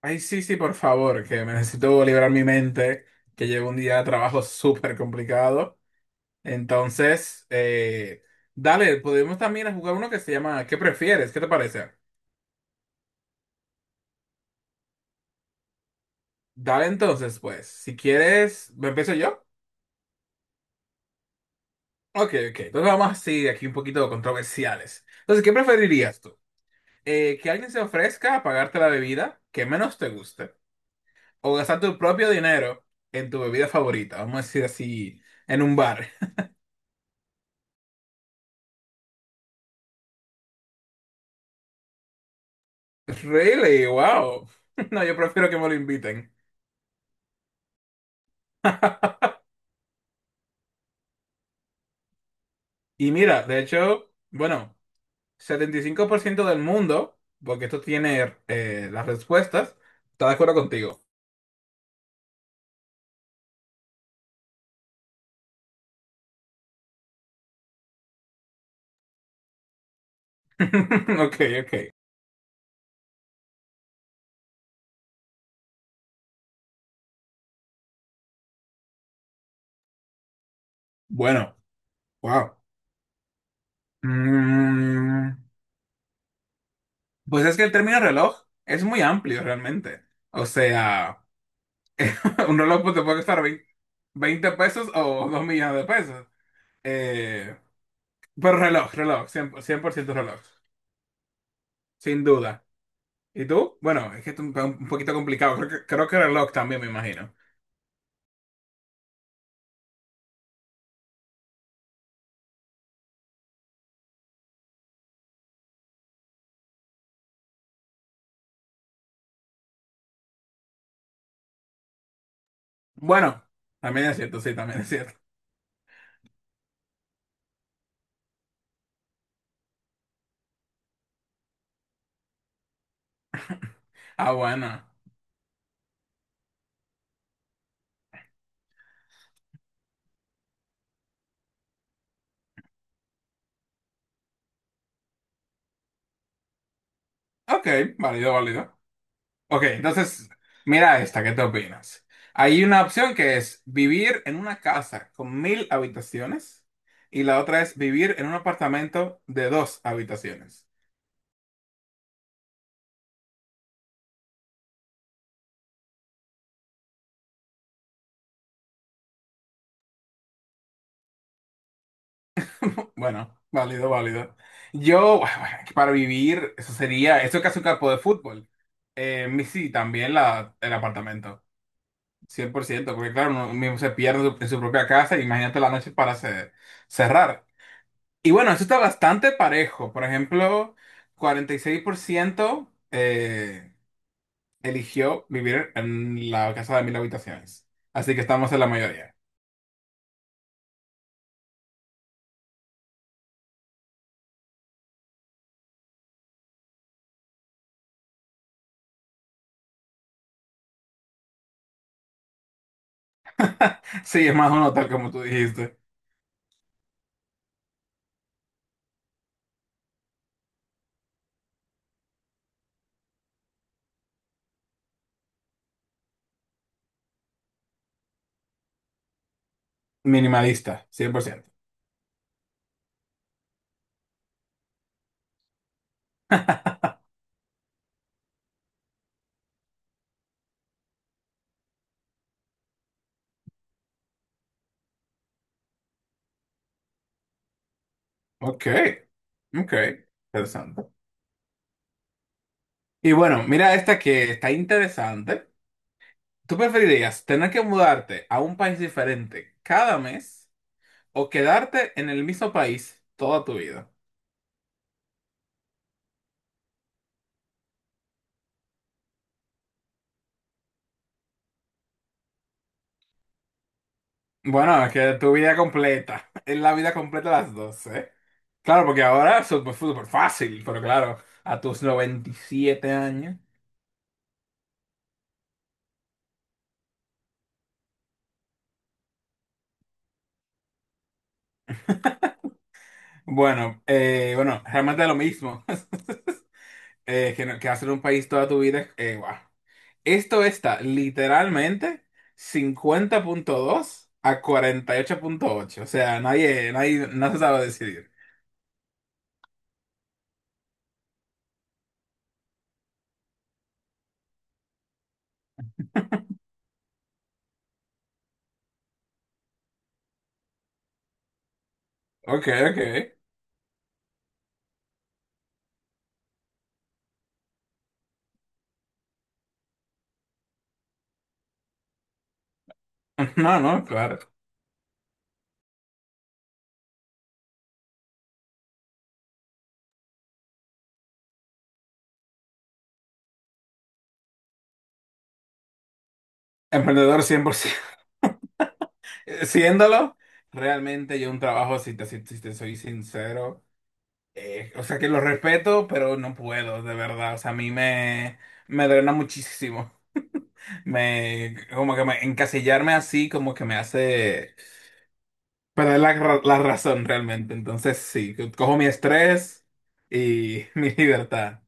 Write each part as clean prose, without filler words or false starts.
Ay, sí, sí, por favor, que me necesito liberar mi mente, que llevo un día de trabajo súper complicado. Entonces, dale, podemos también jugar uno que se llama ¿Qué prefieres? ¿Qué te parece? Dale entonces, pues, si quieres, ¿me empiezo yo? Ok, ok, entonces vamos así, aquí un poquito controversiales. Entonces, ¿qué preferirías tú? ¿que alguien se ofrezca a pagarte la bebida que menos te guste? ¿O gastar tu propio dinero en tu bebida favorita? Vamos a decir así, en un bar. Really, wow. No, yo prefiero que me lo inviten. Y mira, de hecho, bueno, 75% del mundo, porque esto tiene las respuestas, está de acuerdo contigo. Ok, ok. Bueno, wow. Mm, pues es que el término reloj es muy amplio realmente. O sea, un reloj pues, te puede costar 20 pesos o 2 millones de pesos. Eh, pero reloj, reloj, 100% reloj, sin duda. ¿Y tú? Bueno, es que esto es un poquito complicado. Creo que reloj también, me imagino. Bueno, también es cierto, sí, también es cierto. Ah, bueno. Ok, válido, válido. Ok, entonces, mira esta, ¿qué te opinas? Hay una opción que es vivir en una casa con 1000 habitaciones y la otra es vivir en un apartamento de 2 habitaciones. Bueno, válido, válido. Yo, bueno, para vivir, eso sería, eso es casi un campo de fútbol. Sí, también la, el apartamento, 100% porque claro, uno mismo se pierde en su propia casa, imagínate la noche para cerrar. Y bueno, eso está bastante parejo. Por ejemplo, 46% eligió vivir en la casa de 1000 habitaciones. Así que estamos en la mayoría. Sí, es más o menos tal como tú dijiste. Minimalista, cien por ciento. Ok. Ok, interesante. Y bueno, mira esta que está interesante. ¿Tú preferirías tener que mudarte a un país diferente cada mes o quedarte en el mismo país toda tu vida? Bueno, es que tu vida completa, es la vida completa las dos, ¿eh? Claro, porque ahora es súper súper fácil, pero claro, a tus 97 años. Bueno, bueno, realmente es lo mismo. Que, no- que hacer un país toda tu vida, guau. Esto está literalmente 50,2 a 48,8. O sea, nadie, nadie, no se sabe decidir. Ok, ok. No, no, claro. Emprendedor 100%. Siéndolo, realmente yo un trabajo, si te soy sincero, o sea que lo respeto, pero no puedo, de verdad. O sea, a mí me drena muchísimo. Me, como que me, encasillarme así, como que me hace. Pero es la razón realmente. Entonces, sí, cojo mi estrés y mi libertad.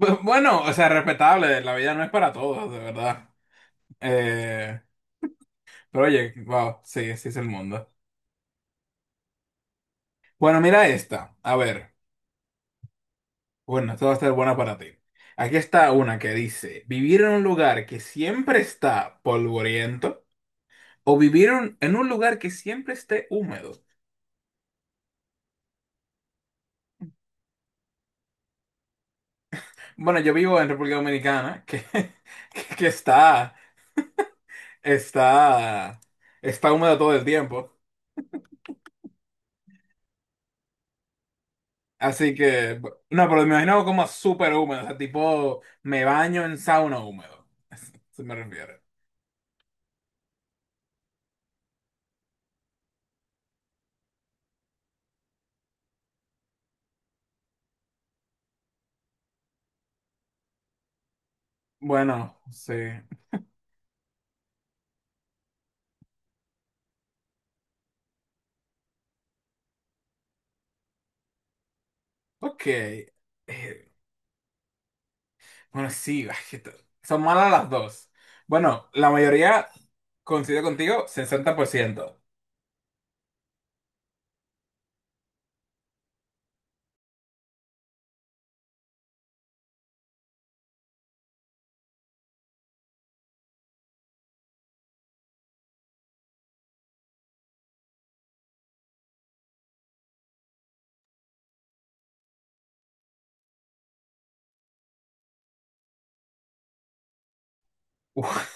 Bueno, o sea, respetable, la vida no es para todos, de verdad. Eh, pero oye, wow, sí, así es el mundo. Bueno, mira esta. A ver, bueno, esta va a estar buena para ti. Aquí está una que dice, vivir en un lugar que siempre está polvoriento o vivir en un lugar que siempre esté húmedo. Bueno, yo vivo en República Dominicana, que, que está... está, está húmedo todo el tiempo. Así que, no, pero me imagino como súper húmedo, o sea, tipo, me baño en sauna húmedo. Se me refiere. Bueno, sí. Ok. Bueno, sí, ay, son malas las dos. Bueno, la mayoría coincide contigo, 60%. Uf,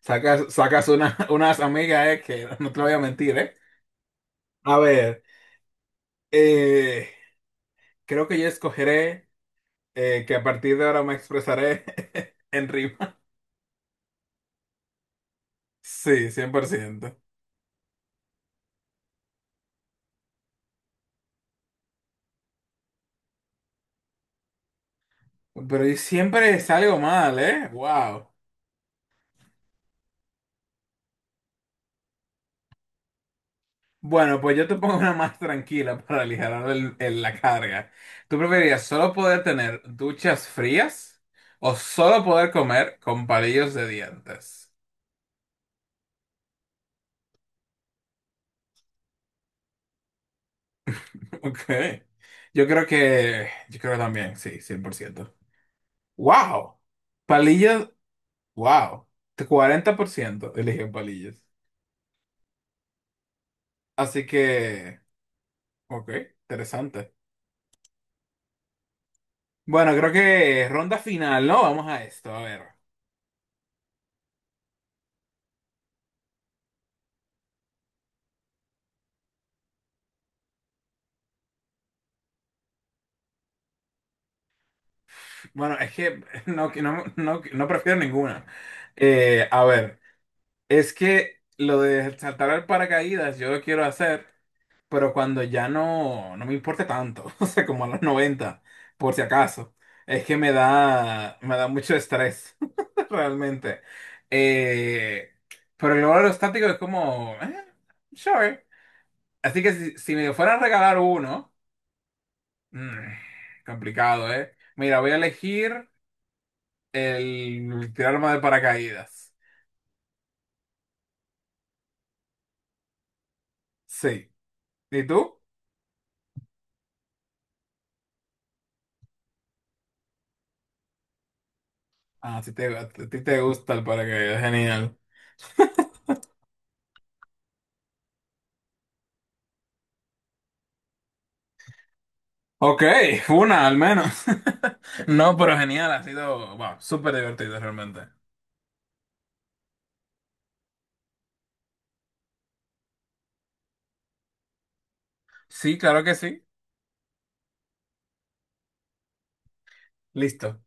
sacas, sacas una, unas amigas, que no te lo voy a mentir, eh. A ver, eh, creo que yo escogeré. Que a partir de ahora me expresaré en rima. Sí, 100%. Pero y siempre salgo mal, ¿eh? Wow. Bueno, pues yo te pongo una más tranquila para aligerar la carga. ¿Tú preferirías solo poder tener duchas frías o solo poder comer con palillos de dientes? Ok. Yo creo que también, sí, 100%. ¡Wow! Palillos, wow. 40% eligen palillos. Así que... Ok, interesante. Bueno, creo que ronda final, ¿no? Vamos a esto, a ver. Bueno, es que no, que no, no, no prefiero ninguna. A ver, es que lo de saltar al paracaídas yo lo quiero hacer, pero cuando ya no, no me importe tanto, o sea, como a los 90, por si acaso. Es que me da mucho estrés, realmente. Eh, pero el logro estático es como, sure. Así que si me fueran a regalar uno. Mm, complicado, ¿eh? Mira, voy a elegir el tirarme de paracaídas. Sí. ¿Y tú? Ah, a ti te gusta el paracaídas, genial. Ok, una al menos. No, pero genial, ha sido, wow, súper divertido realmente. Sí, claro que sí. Listo.